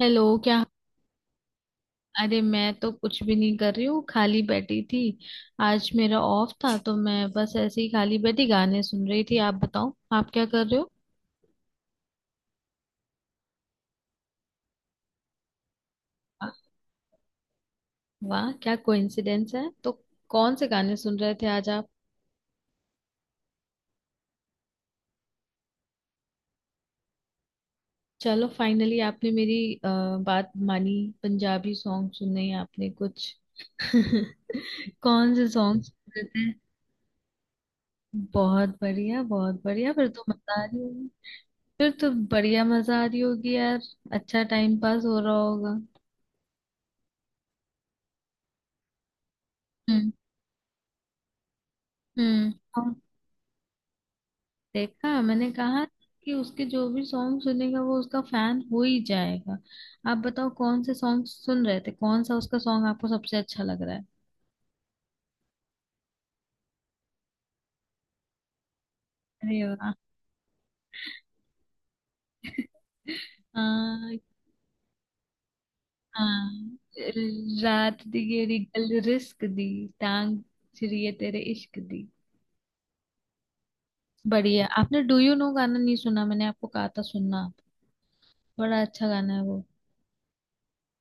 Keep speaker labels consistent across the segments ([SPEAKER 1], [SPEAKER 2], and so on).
[SPEAKER 1] Hello क्या। अरे मैं तो कुछ भी नहीं कर रही हूँ, खाली बैठी थी। आज मेरा ऑफ था तो मैं बस ऐसे ही खाली बैठी गाने सुन रही थी। आप बताओ, आप क्या कर रहे हो। वाह। वाह, क्या कोइंसिडेंस है तो। कौन से गाने सुन रहे थे आज आप। चलो फाइनली आपने मेरी बात मानी। पंजाबी सॉन्ग सुने आपने कुछ। कौन से सॉन्ग सुन रहे थे। बहुत बढ़िया बहुत बढ़िया, फिर तो मजा आ रही होगी। फिर तो बढ़िया मजा आ रही होगी यार। अच्छा टाइम पास हो रहा होगा। हम्म। हम्म। और देखा मैंने कहा कि उसके जो भी सॉन्ग सुनेगा वो उसका फैन हो ही जाएगा। आप बताओ कौन से सॉन्ग सुन रहे थे, कौन सा उसका सॉन्ग आपको सबसे अच्छा लग रहा है। अरे वाह। हाँ। हाँ। रात दी गेरी गल रिस्क दी, टांग छिड़िए तेरे इश्क दी। बढ़िया। आपने डू यू नो गाना नहीं सुना? मैंने आपको कहा था सुनना आप। बड़ा अच्छा गाना है वो।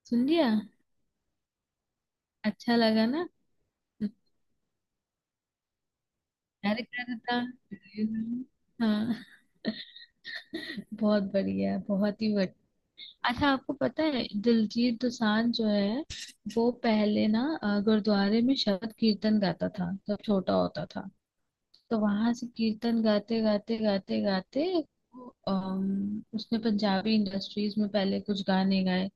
[SPEAKER 1] सुन लिया। अच्छा लगा ना। प्यार करता। Do you know? हाँ। बहुत बढ़िया, बहुत ही बढ़िया। अच्छा आपको पता है दिलजीत दोसांझ जो है, वो पहले ना गुरुद्वारे में शबद कीर्तन गाता था जब छोटा होता था। तो वहां से कीर्तन गाते गाते गाते गाते उसने पंजाबी इंडस्ट्रीज में पहले कुछ गाने गाए।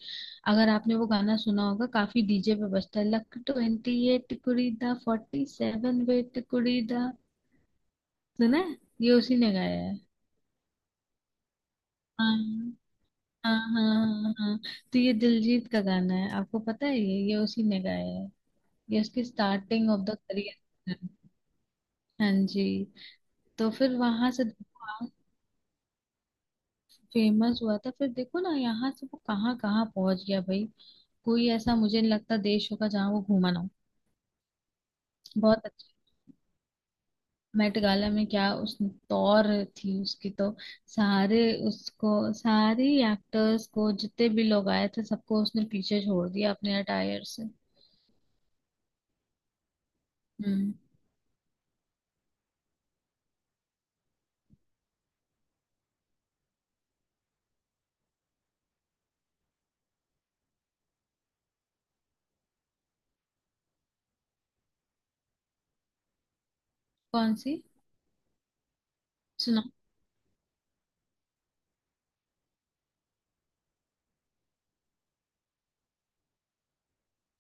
[SPEAKER 1] अगर आपने वो गाना सुना होगा, काफी डीजे पे बजता है, लक 28 कुड़ी दा 47 वेट कुड़ी दा। सुना है ये उसी ने गाया है। हाँ, हाँ हाँ हाँ हाँ। हाँ। तो ये दिलजीत का गाना है, आपको पता है ये उसी ने गाया है। ये उसकी स्टार्टिंग ऑफ द करियर। हाँ जी। तो फिर वहां से फेमस हुआ था, फिर देखो ना यहाँ से वो कहाँ कहाँ पहुंच गया भाई। कोई ऐसा मुझे नहीं लगता देश होगा जहाँ वो घूमा ना हो। बहुत अच्छा। मेट गाला में क्या उस तौर थी उसकी तो। सारे उसको सारे एक्टर्स को जितने भी लोग आए थे सबको उसने पीछे छोड़ दिया अपने अटायर से। हम्म। कौन सी। सुनाओ।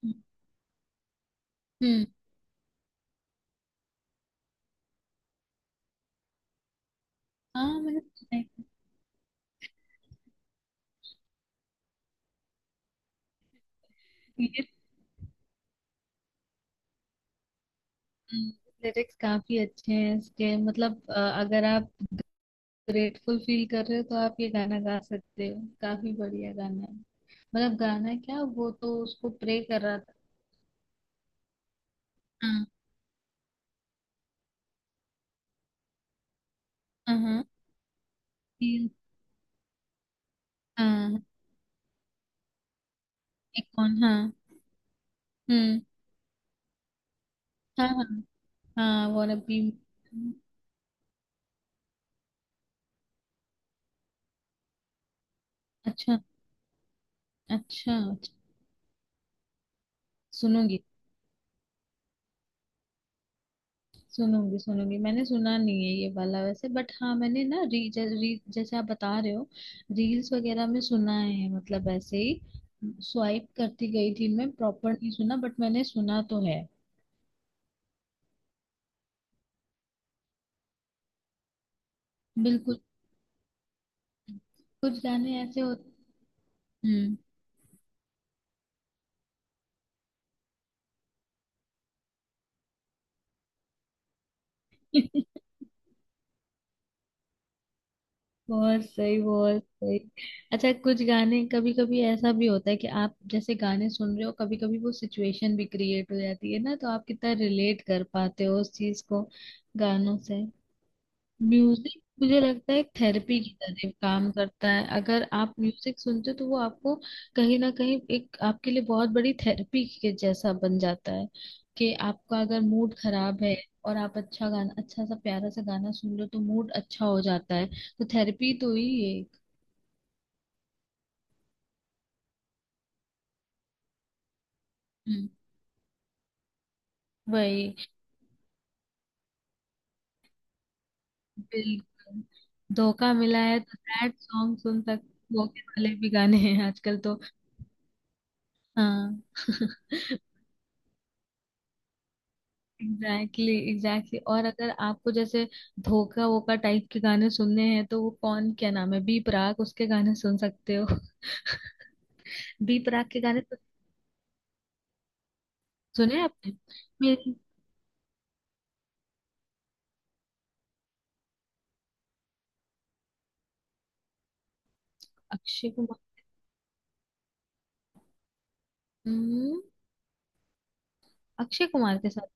[SPEAKER 1] हम्म। हाँ मतलब लिरिक्स काफी अच्छे हैं इसके, मतलब अगर आप ग्रेटफुल फील कर रहे हो तो आप ये गाना गा सकते हो, काफी बढ़िया गाना है। मतलब गाना क्या, वो तो उसको प्रे कर रहा था। हाँ हाँ हाँ। कि- हाँ। एक कौन? हाँ। हम्म। हाँ हाँ। हाँ वाना बी। अच्छा। अच्छा। सुनूंगी। सुनूंगी सुनूंगी, मैंने सुना नहीं है ये वाला वैसे, बट हाँ मैंने ना री, ज, री जैसे आप बता रहे हो रील्स वगैरह में सुना है मतलब ऐसे ही। स्वाइप करती गई थी मैं, प्रॉपर नहीं सुना बट मैंने सुना तो है। बिल्कुल। कुछ गाने ऐसे होते। हम्म। बहुत सही बहुत सही। अच्छा कुछ गाने, कभी कभी ऐसा भी होता है कि आप जैसे गाने सुन रहे हो कभी कभी वो सिचुएशन भी क्रिएट हो जाती है ना, तो आप कितना रिलेट कर पाते हो उस चीज को गानों से। म्यूजिक मुझे लगता है एक थेरेपी की तरह काम करता है। अगर आप म्यूजिक सुनते हो तो वो आपको कहीं ना कहीं एक आपके लिए बहुत बड़ी थेरेपी के जैसा बन जाता है। कि आपका अगर मूड खराब है और आप अच्छा गाना, अच्छा सा प्यारा सा गाना सुन लो, तो मूड अच्छा हो जाता है। तो थेरेपी तो ही एक। हम्म, वही। बिल्कुल। धोखा मिला है तो सैड सॉन्ग सुन सकते, धोखे वाले भी गाने हैं आजकल तो। हाँ। Exactly exactly, exactly exactly. और अगर आपको जैसे धोखा वोका टाइप के गाने सुनने हैं, तो वो कौन क्या नाम है बी प्राक, उसके गाने सुन सकते हो। बी प्राक के गाने तो सुने हैं आपने। मेरे। अक्षय कुमार। हम्म। अक्षय कुमार के साथ।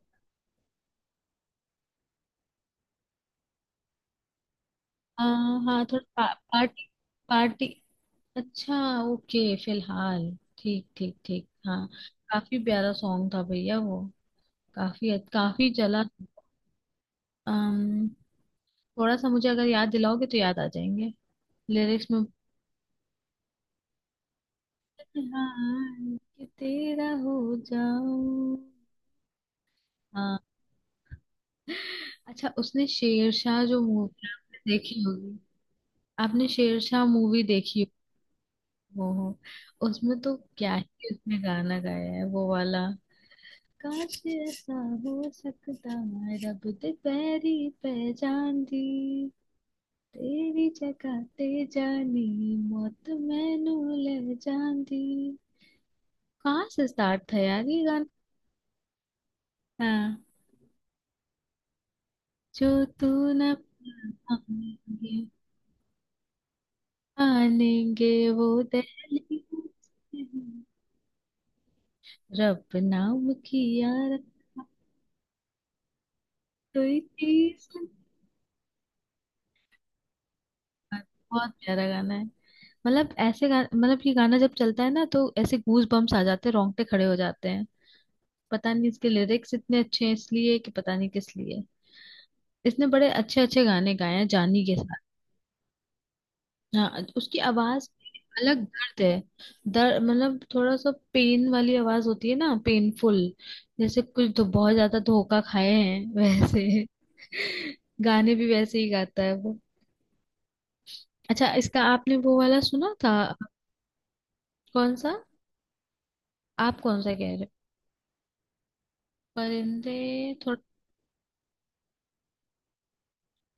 [SPEAKER 1] हाँ हाँ थोड़ा पार्टी पार्टी। अच्छा। ओके फिलहाल। ठीक ठीक ठीक हाँ। काफी प्यारा सॉन्ग था भैया वो। काफी काफी चला। अम, थोड़ा सा मुझे अगर याद दिलाओगे तो याद आ जाएंगे लिरिक्स में। हाय कि तेरा हो जाऊं। हाँ। अच्छा उसने शेरशाह जो मूवी आपने देखी होगी। आपने शेरशाह मूवी देखी। हो, उसमें तो क्या ही उसने गाना गाया है वो वाला। काश ऐसा हो सकता रब दे पैरी पहचान दी, तेरी जगह ते जानी मौत मैनू ले जान दी। कहाँ से स्टार्ट था यार ये गाना। हाँ। जो तू न पाएंगे पालेंगे वो दहलीज में। रब नाम की यार कोई चीज नहीं। बहुत प्यारा गाना है, मतलब ऐसे मतलब ये गाना जब चलता है ना तो ऐसे गूज बम्स आ जाते हैं, रोंगटे खड़े हो जाते हैं। पता नहीं इसके लिरिक्स इतने अच्छे हैं इसलिए कि पता नहीं किस लिए। इसने बड़े अच्छे अच्छे गाने गाए हैं जानी के साथ। हाँ। उसकी आवाज अलग दर्द है। दर्द मतलब थोड़ा सा पेन वाली आवाज होती है ना, पेनफुल। जैसे कुछ तो बहुत ज्यादा धोखा खाए हैं वैसे। गाने भी वैसे ही गाता है वो। अच्छा इसका आपने वो वाला सुना था। कौन सा। आप कौन सा कह रहे हो। परिंदे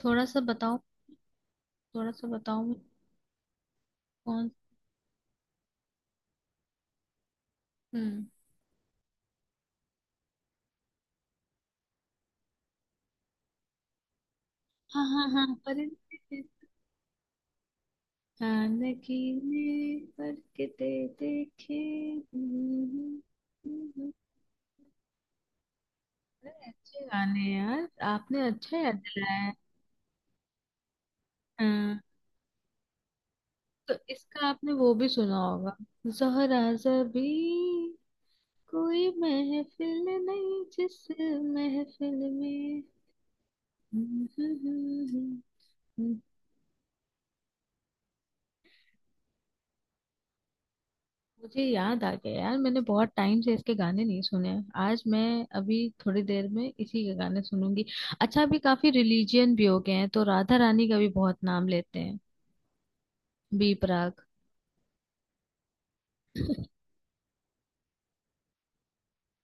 [SPEAKER 1] थोड़ा सा बताओ। थोड़ा सा बताओ मुझे। कौन। हम्म। हाँ हाँ हाँ परिंदे। हाँ नगीने पर के ते देखे। हम्म, हम्म। अरे अच्छे गाने हैं यार, आपने अच्छा याद दिलाया है। हाँ। तो इसका आपने वो भी सुना होगा, जहरा जबी कोई महफिल नहीं जिस महफिल में। मुझे याद आ गया यार, मैंने बहुत टाइम से इसके गाने नहीं सुने हैं। आज मैं अभी थोड़ी देर में इसी के गाने सुनूंगी। अच्छा अभी काफी रिलीजियन भी हो गए हैं, तो राधा रानी का भी बहुत नाम लेते हैं बी प्राक।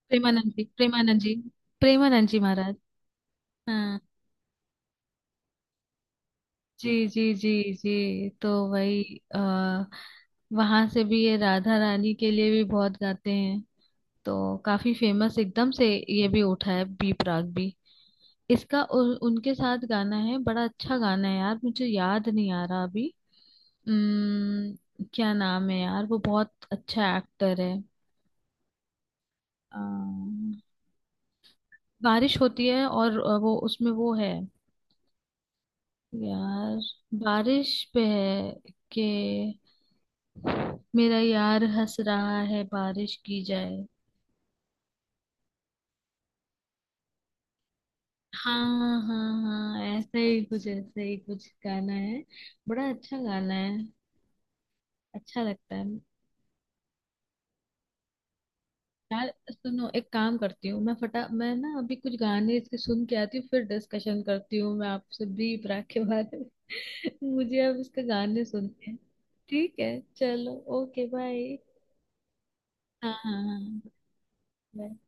[SPEAKER 1] प्रेमानंद जी प्रेमानंद जी। प्रेमानंद जी महाराज। हाँ जी जी जी। जी तो वही वहां से भी ये राधा रानी के लिए भी बहुत गाते हैं। तो काफी फेमस एकदम से ये भी उठा है बी प्राक भी। इसका उनके साथ गाना है, बड़ा अच्छा गाना है यार, मुझे याद नहीं आ रहा अभी। क्या नाम है यार, वो बहुत अच्छा एक्टर है। अम्म, बारिश होती है और वो उसमें वो है यार बारिश पे है के मेरा यार हंस रहा है बारिश की जाए। हाँ हाँ हाँ ऐसे ही कुछ, ऐसे ही कुछ गाना है। बड़ा अच्छा गाना है। अच्छा लगता है। यार सुनो, एक काम करती हूँ मैं फटा, मैं ना अभी कुछ गाने इसके सुन के आती हूँ, फिर डिस्कशन करती हूँ मैं आपसे ब्रीफ राग के बारे में। मुझे अब इसके गाने सुनते हैं। ठीक है चलो। Okay bye. हाँ हाँ हाँ। bye.